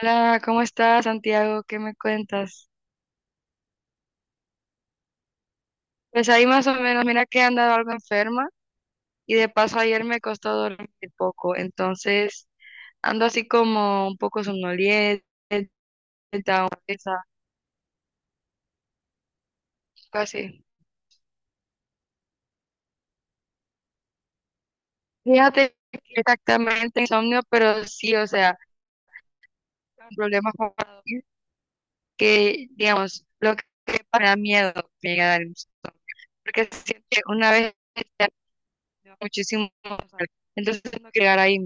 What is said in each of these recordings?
Hola, ¿cómo estás, Santiago? ¿Qué me cuentas? Pues ahí más o menos, mira que he andado algo enferma y de paso ayer me costó dormir poco, entonces ando así como un poco somnolienta, un- esa- algo así. Fíjate que exactamente insomnio, pero sí, o sea, problemas para dormir que, digamos, lo que me da miedo me llega a dar insomnio, porque siempre una vez ya muchísimo, entonces no quiero llegar ahí.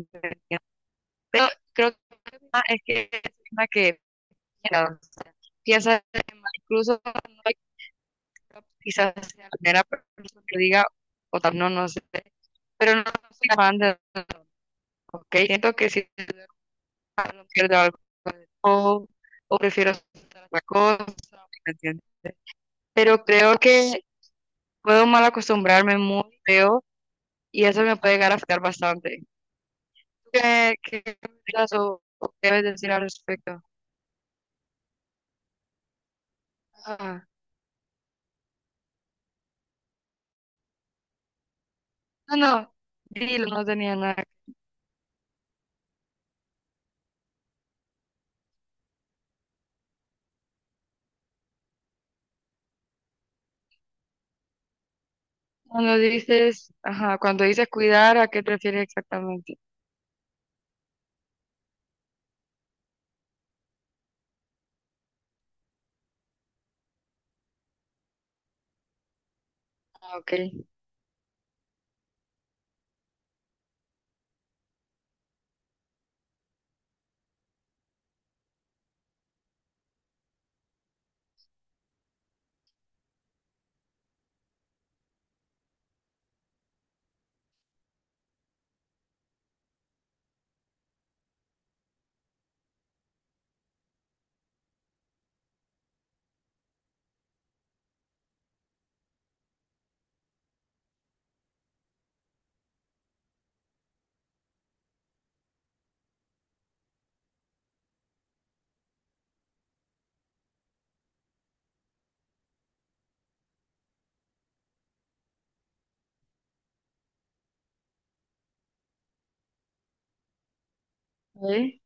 Pero creo que es una que mira, piensa incluso no hay- quizás sea la primera persona que diga, o tal, no, no sé, pero no soy fan de ok, siento que si no pierdo algo o, o prefiero hacer otra cosa, ¿me entiendes? Pero creo que puedo mal acostumbrarme muy feo y eso me puede llegar a afectar bastante. ¿Qué piensas o qué debes decir al respecto? Ah. No, no, dilo, no tenía nada. Cuando dices, ajá, cuando dices cuidar, ¿a qué te refieres exactamente? Ah, ok. ¿Eh?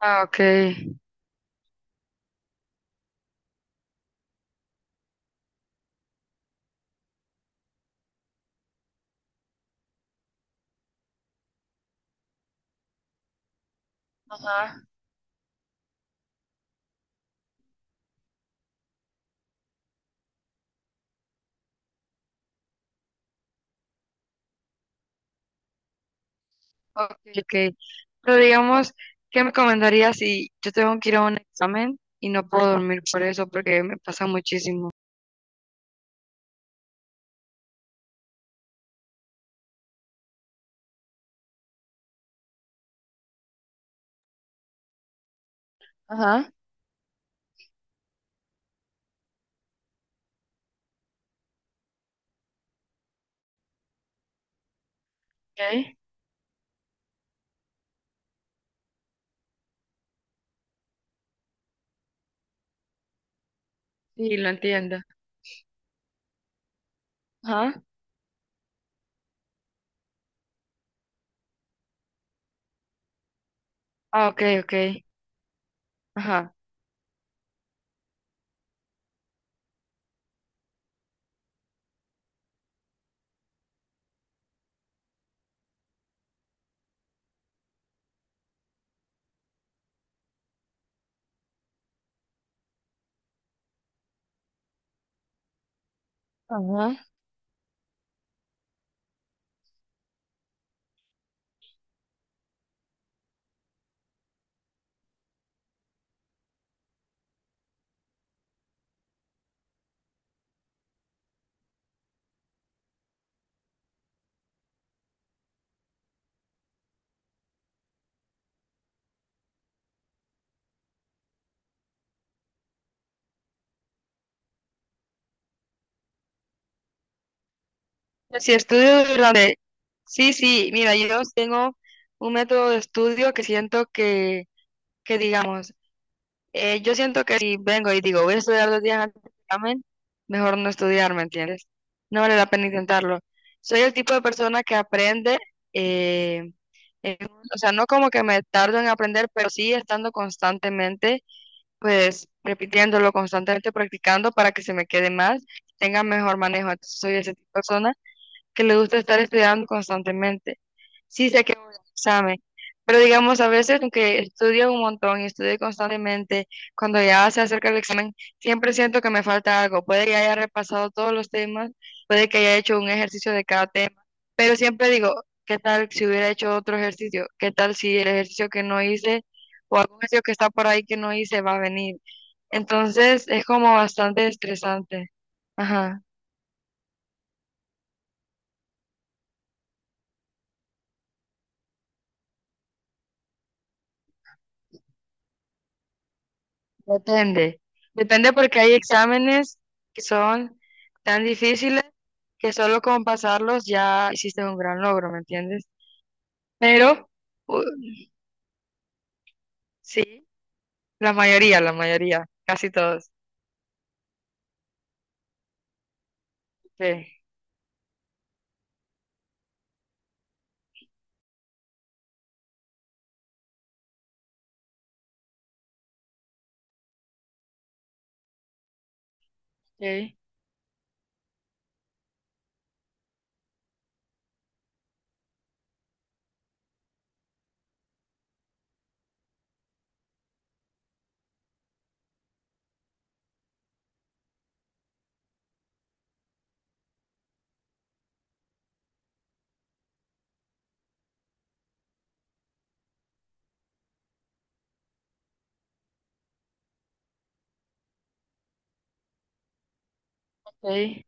Ah, ok. Ajá. Ok, ok. Pero digamos, ¿qué me recomendarías si yo tengo que ir a un examen y no puedo dormir por eso porque me pasa muchísimo? Ajá. Ok. Sí, lo entiendo. Ajá. Ah, ok, ok. Ajá. Ajá. Si estudio durante... Sí, sí, mira, yo tengo un método de estudio que siento que digamos, yo siento que si vengo y digo, voy a estudiar 2 días antes del examen, mejor no estudiar, ¿me entiendes? No vale la pena intentarlo. Soy el tipo de persona que aprende, eh, en- o sea, no como que me tardo en aprender, pero sí estando constantemente, pues repitiéndolo, constantemente practicando para que se me quede más, tenga mejor manejo. Soy ese tipo de persona que le gusta estar estudiando constantemente. Sí sé que voy al examen, pero digamos, a veces, aunque estudio un montón y estudio constantemente, cuando ya se acerca el examen, siempre siento que me falta algo. Puede que haya repasado todos los temas, puede que haya hecho un ejercicio de cada tema, pero siempre digo, ¿qué tal si hubiera hecho otro ejercicio? ¿Qué tal si el ejercicio que no hice o algún ejercicio que está por ahí que no hice va a venir? Entonces, es como bastante estresante. Ajá. Depende, depende porque hay exámenes que son tan difíciles que solo con pasarlos ya hiciste un gran logro, ¿me entiendes? Pero u- sí, la mayoría, casi todos. Okay, okay, okay,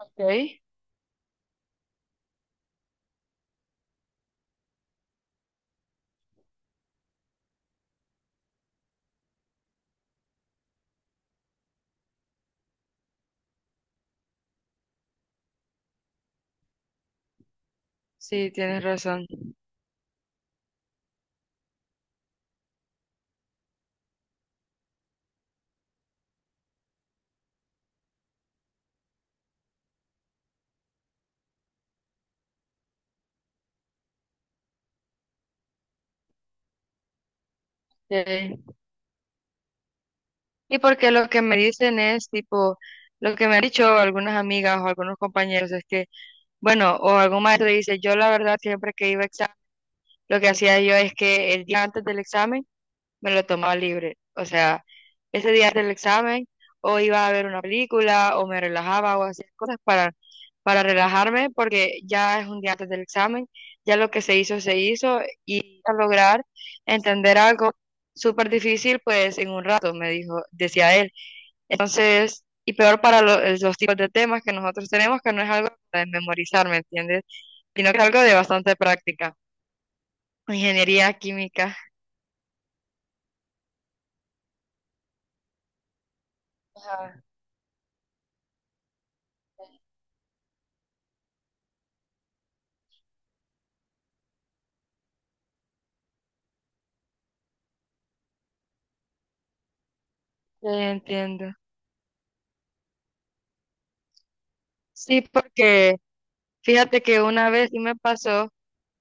okay. Sí, tienes razón. Okay. Y porque lo que me dicen es tipo, lo que me han dicho algunas amigas o algunos compañeros es que, bueno, o algún maestro dice, yo la verdad siempre que iba a examen, lo que hacía yo es que el día antes del examen me lo tomaba libre. O sea, ese día del examen o iba a ver una película o me relajaba o hacía cosas para relajarme porque ya es 1 día antes del examen, ya lo que se hizo y a lograr entender algo súper difícil pues en un rato, me dijo, decía él. Entonces, y peor para los tipos de temas que nosotros tenemos que no es algo de memorizar, ¿me entiendes? Sino que es algo de bastante práctica. Ingeniería química. Ajá, sí, entiendo. Sí, porque fíjate que una vez sí me pasó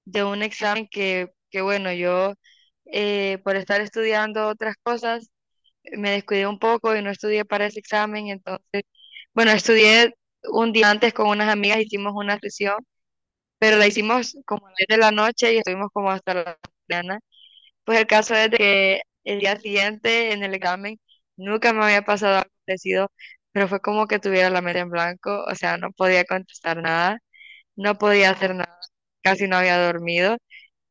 de un examen que bueno, yo por estar estudiando otras cosas me descuidé un poco y no estudié para ese examen, entonces, bueno, estudié 1 día antes con unas amigas, hicimos una sesión, pero la hicimos como a las 10 de la noche y estuvimos como hasta la mañana. Pues el caso es de que el día siguiente en el examen nunca me había pasado algo parecido, pero fue como que tuviera la mente en blanco, o sea, no podía contestar nada no podía hacer nada, casi no había dormido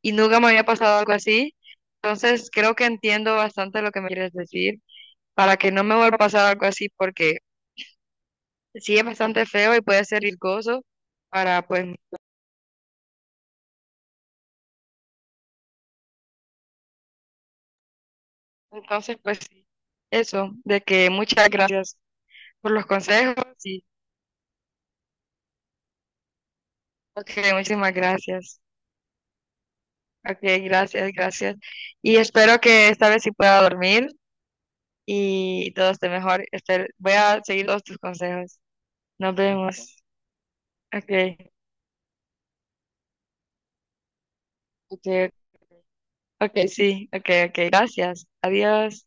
y nunca me había pasado algo así. Entonces creo que entiendo bastante lo que me quieres decir para que no me vuelva a pasar algo así porque sí es bastante feo y puede ser riesgoso para pues entonces pues sí, eso, de que muchas gracias por los consejos y ok, muchísimas gracias. Ok, gracias, gracias. Y espero que esta vez sí pueda dormir y todo esté mejor. Espero- voy a seguir todos tus consejos. Nos vemos. Okay, okay, okay, sí, okay, okay, gracias. Adiós.